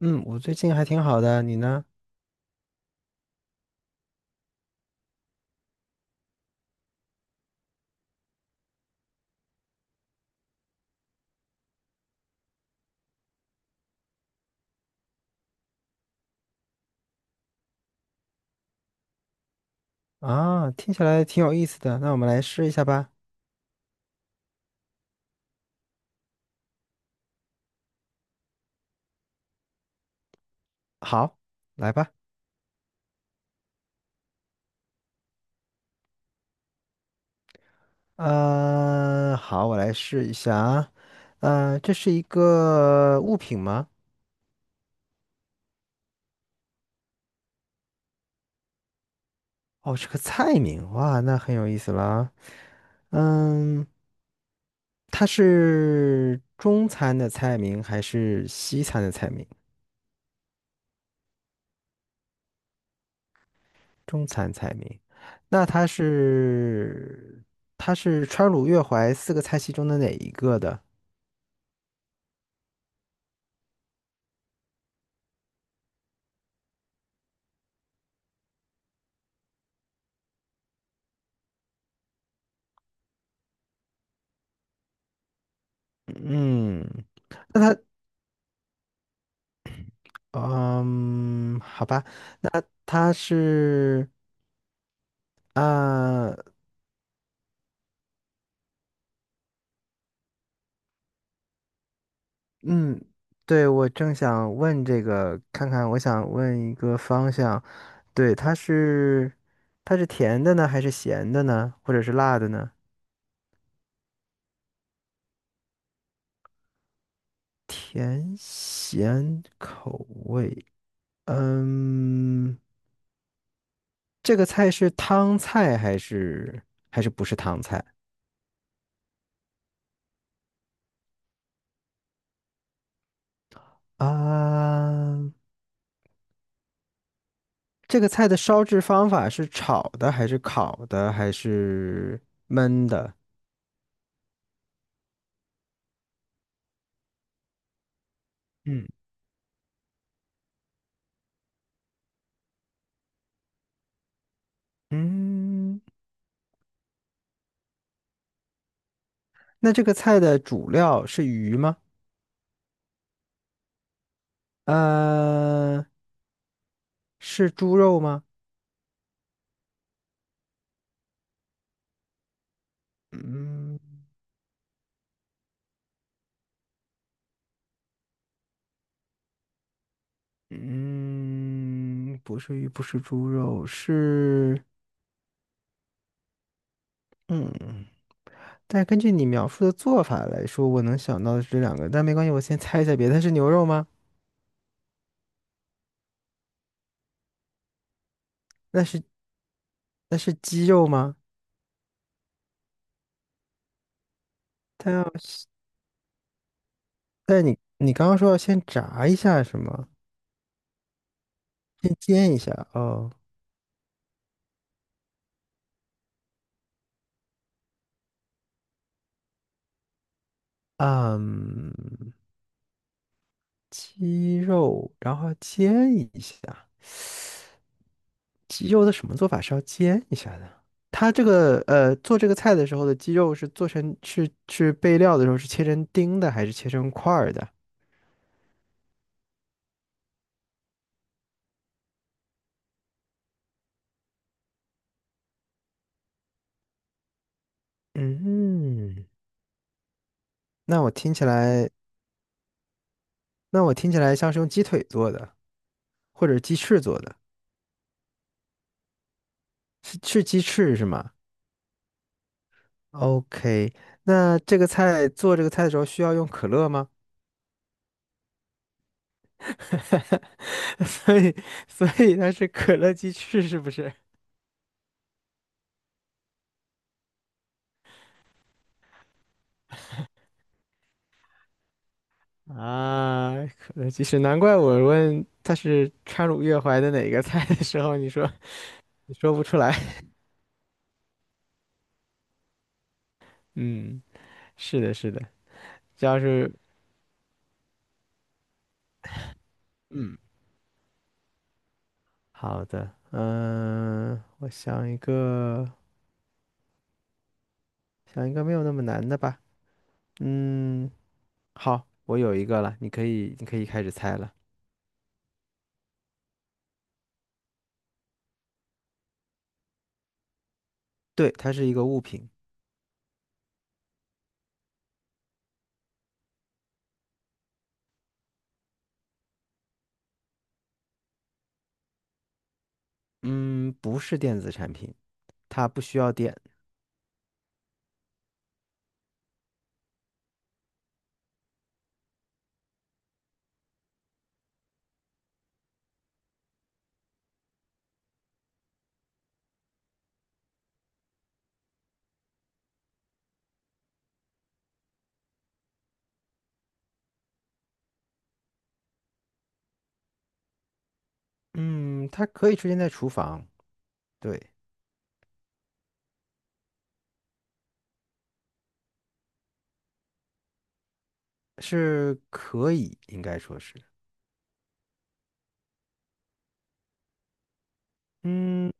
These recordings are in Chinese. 嗯，我最近还挺好的，你呢？啊，听起来挺有意思的，那我们来试一下吧。好，来吧。好，我来试一下啊。这是一个物品吗？哦，是个菜名，哇，那很有意思了啊。嗯，它是中餐的菜名还是西餐的菜名？中餐菜名。那它是它是川鲁粤淮四个菜系中的哪一个的？嗯，那他，嗯，好吧，那他是啊，嗯，对，我正想问这个，看看，我想问一个方向，对，它是甜的呢，还是咸的呢，或者是辣的呢？甜咸口味，嗯，这个菜是汤菜还是不是汤菜啊？这个菜的烧制方法是炒的，还是烤的，还是焖的？嗯，嗯，那这个菜的主料是鱼吗？呃，是猪肉吗？嗯嗯，不是鱼，不是猪肉，是嗯。但根据你描述的做法来说，我能想到的是这两个，但没关系，我先猜一下别的。它是牛肉吗？那是那是鸡肉吗？它要是但你刚刚说要先炸一下是吗？先煎一下哦，嗯，鸡肉，然后煎一下。鸡肉的什么做法是要煎一下的？它这个做这个菜的时候的鸡肉是做成是备料的时候是切成丁的还是切成块儿的？嗯，那我听起来，那我听起来像是用鸡腿做的，或者鸡翅做的，是鸡翅是吗？OK，那这个菜做这个菜的时候需要用可乐吗？所以，所以它是可乐鸡翅是不是？啊，可乐鸡翅，难怪我问它是川鲁粤淮的哪个菜的时候，你说不出来。嗯，是的，是的，这要是嗯，好的，嗯，我想一个，想一个没有那么难的吧。嗯，好，我有一个了，你可以开始猜了。对，它是一个物品。嗯，不是电子产品，它不需要电。嗯，它可以出现在厨房，对，是可以，应该说是。嗯，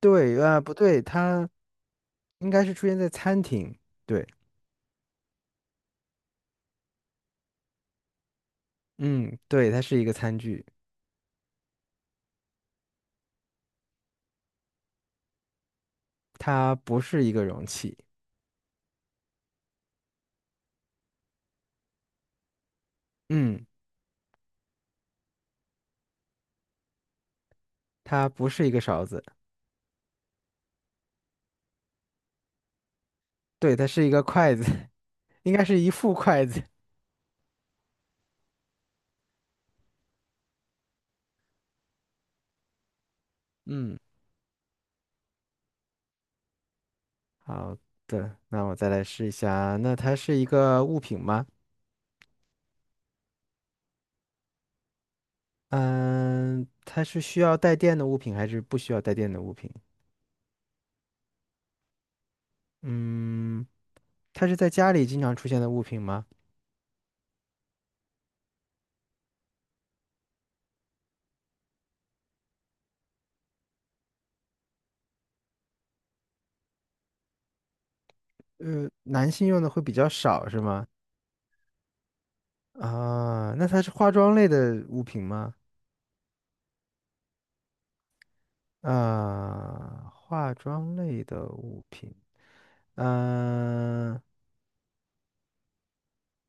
对，啊，不对，它应该是出现在餐厅，对，嗯，对，它是一个餐具，它不是一个容器，嗯，它不是一个勺子，对，它是一个筷子，应该是一副筷子。嗯，好的，那我再来试一下，那它是一个物品吗？嗯，它是需要带电的物品还是不需要带电的物品？嗯，它是在家里经常出现的物品吗？男性用的会比较少是吗？啊，那它是化妆类的物品吗？啊，化妆类的物品，嗯，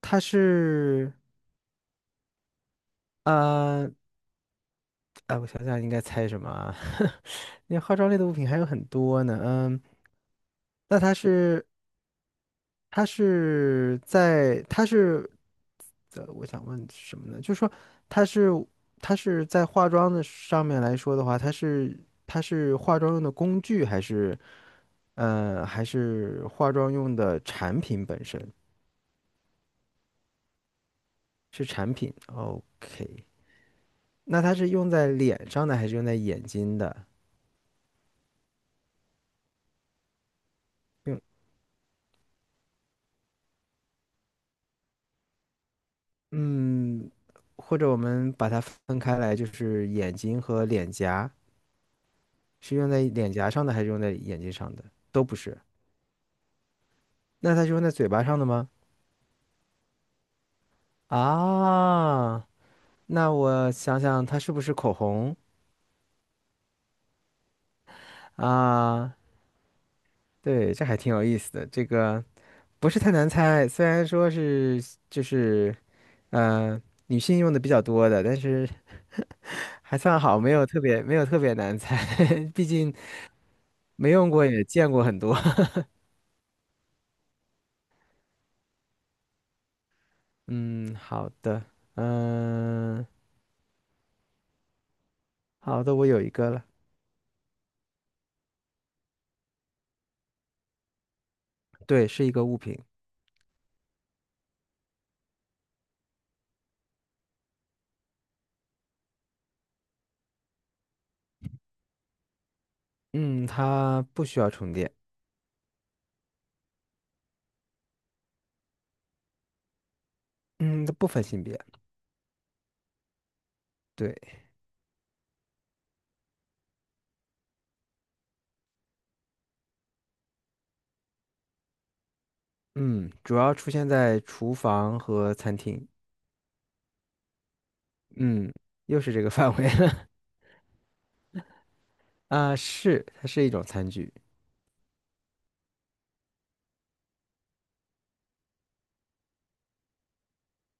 它是，呃，哎，我想想应该猜什么啊？那化妆类的物品还有很多呢，嗯，那它是。它是在，它是，我想问什么呢？就是说，它是，它是在化妆的上面来说的话，它是，它是化妆用的工具，还是，还是化妆用的产品本身？是产品。哦 OK，那它是用在脸上的，还是用在眼睛的？用，嗯，或者我们把它分开来，就是眼睛和脸颊，是用在脸颊上的，还是用在眼睛上的？都不是。那他是用在嘴巴上的吗？啊，那我想想，它是不是口红啊？对，这还挺有意思的。这个不是太难猜，虽然说是就是呃女性用的比较多的，但是还算好，没有特别难猜，毕竟没用过也见过很多。嗯，好的，嗯、好的，我有一个了。对，是一个物品。嗯，它不需要充电。嗯，它不分性别。对。嗯，主要出现在厨房和餐厅。嗯，又是这个 范围了。啊，是，它是一种餐具。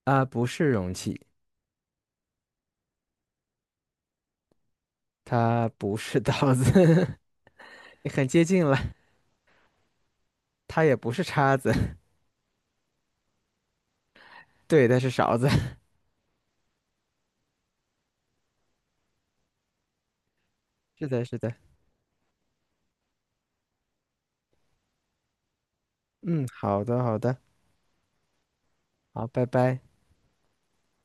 啊，不是容器，它不是刀子，很接近了。它也不是叉子，对，它是勺子。是的，是的。嗯，好的，好的，好，拜拜。